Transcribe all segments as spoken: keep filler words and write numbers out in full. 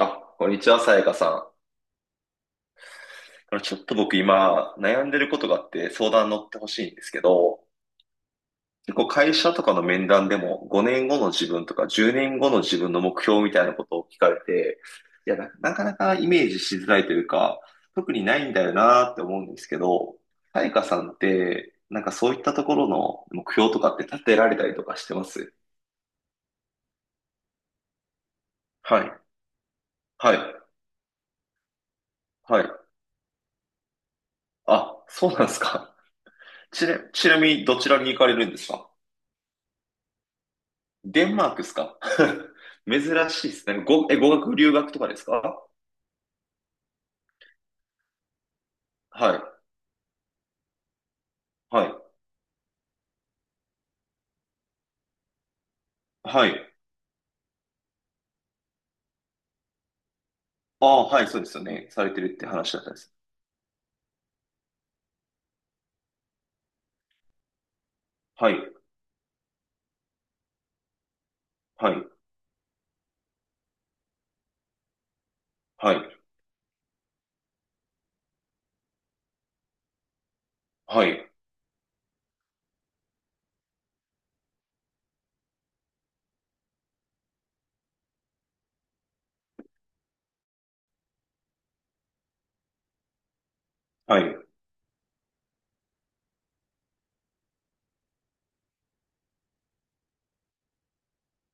あ、こんにちは、さやかさん。あのちょっと僕今悩んでることがあって相談乗ってほしいんですけど、結構会社とかの面談でもごねんごの自分とかじゅうねんごの自分の目標みたいなことを聞かれて、いや、な、なかなかイメージしづらいというか、特にないんだよなーって思うんですけど、さやかさんって、なんかそういったところの目標とかって立てられたりとかしてます？はい、はい、はい。あ、そうなんですか。ちな、ちなみにどちらに行かれるんですか？デンマークですか？ 珍しいですね。ご、え、語学留学とかですか？はい。はい。はい。ああ、はい、そうですよね。されてるって話だったんです。はい。はい。はい。はい。はい。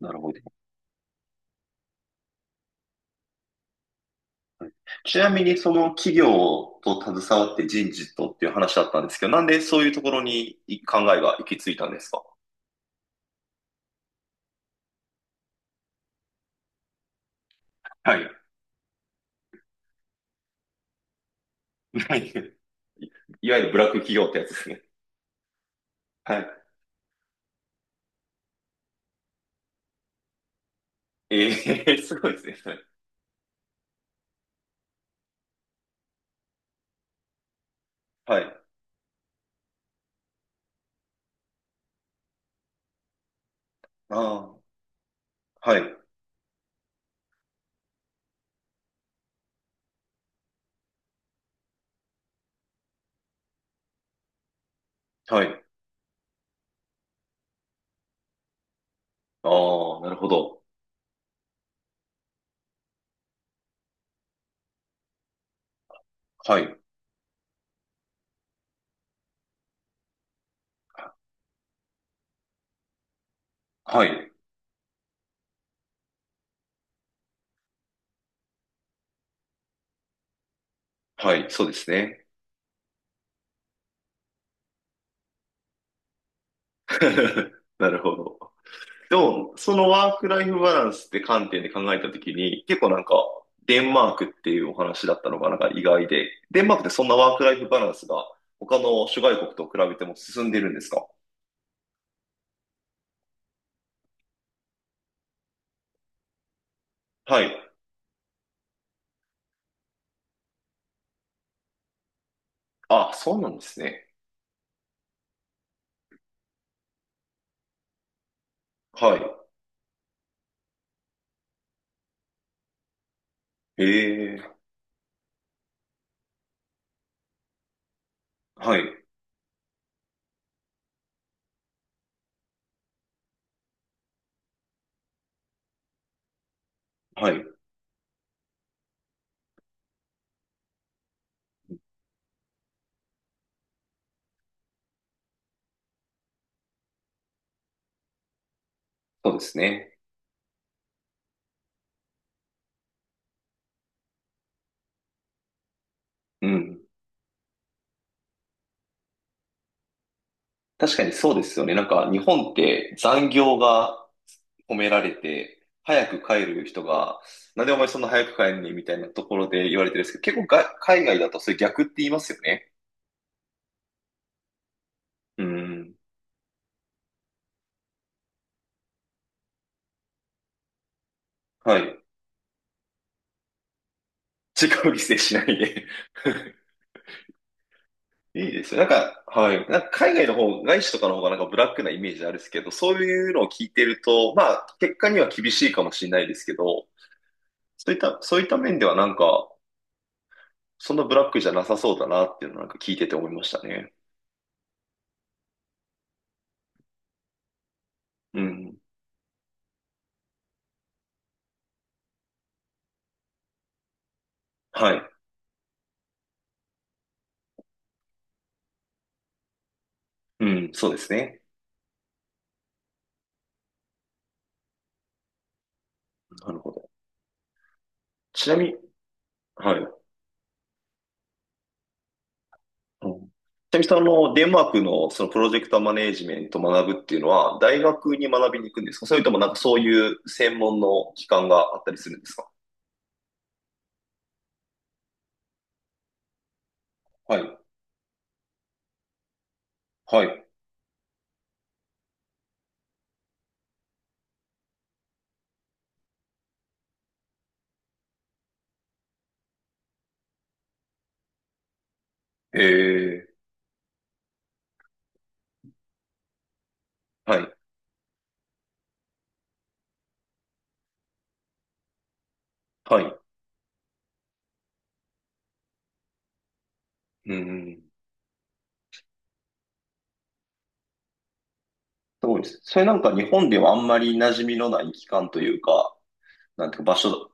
なるほど。ちなみに、その企業と携わって人事とっていう話だったんですけど、なんでそういうところに考えが行き着いたんですか？はい。はい。いわゆるブラック企業ってやつですね。はい。ええ、すごいですね、それ。はい。ああ、はい。はい。ああ、なるほど。はい。はい。はい。そうですね。なるほど。でも、そのワークライフバランスって観点で考えたときに、結構なんか、デンマークっていうお話だったのがなんか意外で、デンマークってそんなワークライフバランスが他の諸外国と比べても進んでるんですか？はい。あ、そうなんですね。はい。へえ。はい。はい。そうですね。うん。確かにそうですよね。なんか日本って残業が褒められて、早く帰る人が、なんでお前そんな早く帰るねみたいなところで言われてるんですけど、結構が海外だとそれ逆って言いますよね。うん。はい。自己犠牲しないで。 いいですよ。なんか、はい。なんか海外の方、外資とかの方がなんかブラックなイメージあるんですけど、そういうのを聞いてると、まあ、結果には厳しいかもしれないですけど、そういった、そういった面ではなんか、そんなブラックじゃなさそうだなっていうのをなんか聞いてて思いましたね。うん。はい。うん、そうですね。なるほど。ちなみに、はい。うん。ちなみにそのデンマークのそのプロジェクトマネージメントを学ぶっていうのは大学に学びに行くんですか？それともなんかそういう専門の機関があったりするんですか？はい。はい。えー、はい。はい。うん。すごいです。それなんか日本ではあんまり馴染みのない機関というか、なんていうか場所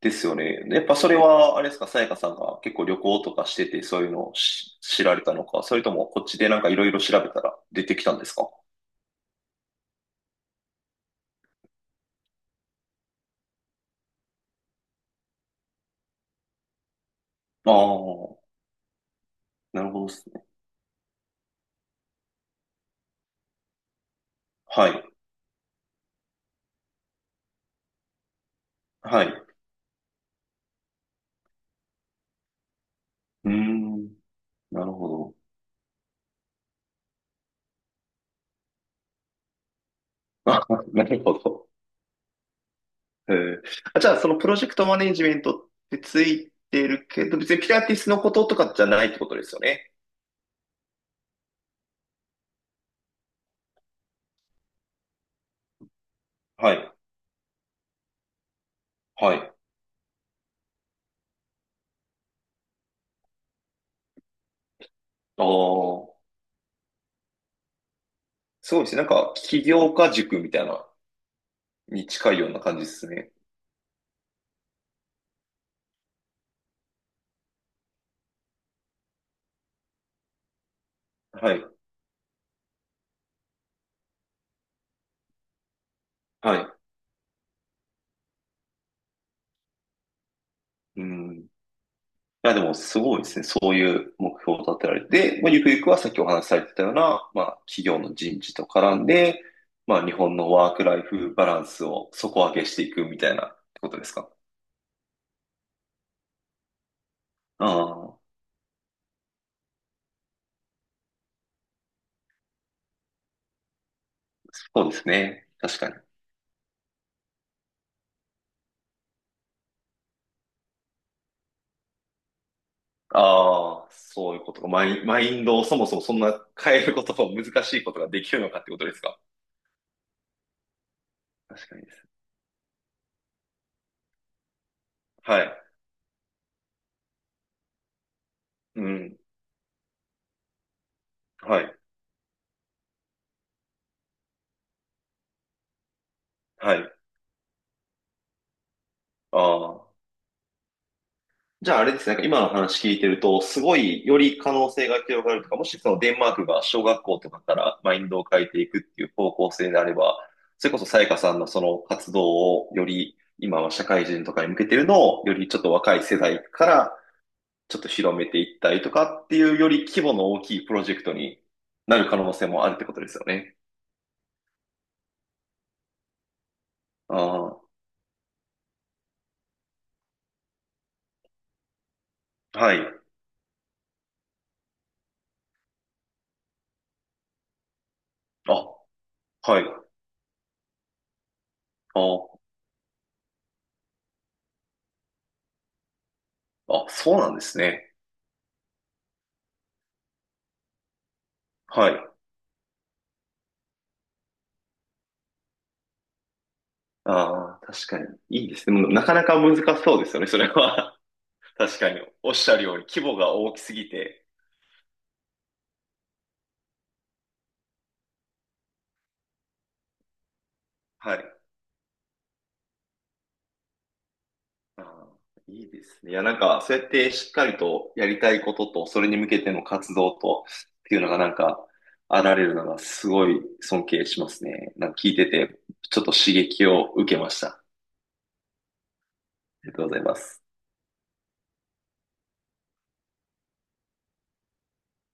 ですよね。やっぱそれは、あれですか、さやかさんが結構旅行とかしててそういうのをし知られたのか、それともこっちでなんかいろいろ調べたら出てきたんですか？ああー、なるほどです。はい。はい。うーん。なるほど。あ、なるほど。えー、あ、じゃあ、そのプロジェクトマネジメントってついてるけど、別にピラティスのこととかじゃないってことですよね。はい。はい。ああ。すごいですね。なんか、起業家塾みたいな、に近いような感じですね。はい。はい。うん。いや、でもすごいですね。そういう目標を立てられて、まあ、ゆくゆくはさっきお話しされてたような、まあ、企業の人事と絡んで、まあ、日本のワークライフバランスを底上げしていくみたいなってことですか？ああ、そうですね。確かに。ああ、そういうことか。マイン、マインドをそもそもそんな変えることを難しいことができるのかってことですか？確かにです。はい。うん。はい。はい。ああ。じゃああれですね、なんか今の話聞いてると、すごいより可能性が広がるとか、もしそのデンマークが小学校とかからマインドを変えていくっていう方向性であれば、それこそさやかさんのその活動をより今は社会人とかに向けてるのをよりちょっと若い世代からちょっと広めていったりとかっていうより規模の大きいプロジェクトになる可能性もあるってことですよね。ああ、はい。あ、はい。ああ、そうなんですね。はい。ああ、確かに。いいですね。もうなかなか難しそうですよね、それは。確かに。おっしゃるように、規模が大きすぎて。はい。ああ、いいですね。いや、なんか、そうやってしっかりとやりたいことと、それに向けての活動と、っていうのがなんか、あられるのがすごい尊敬しますね。なんか聞いてて、ちょっと刺激を受けました。ありがとうございます。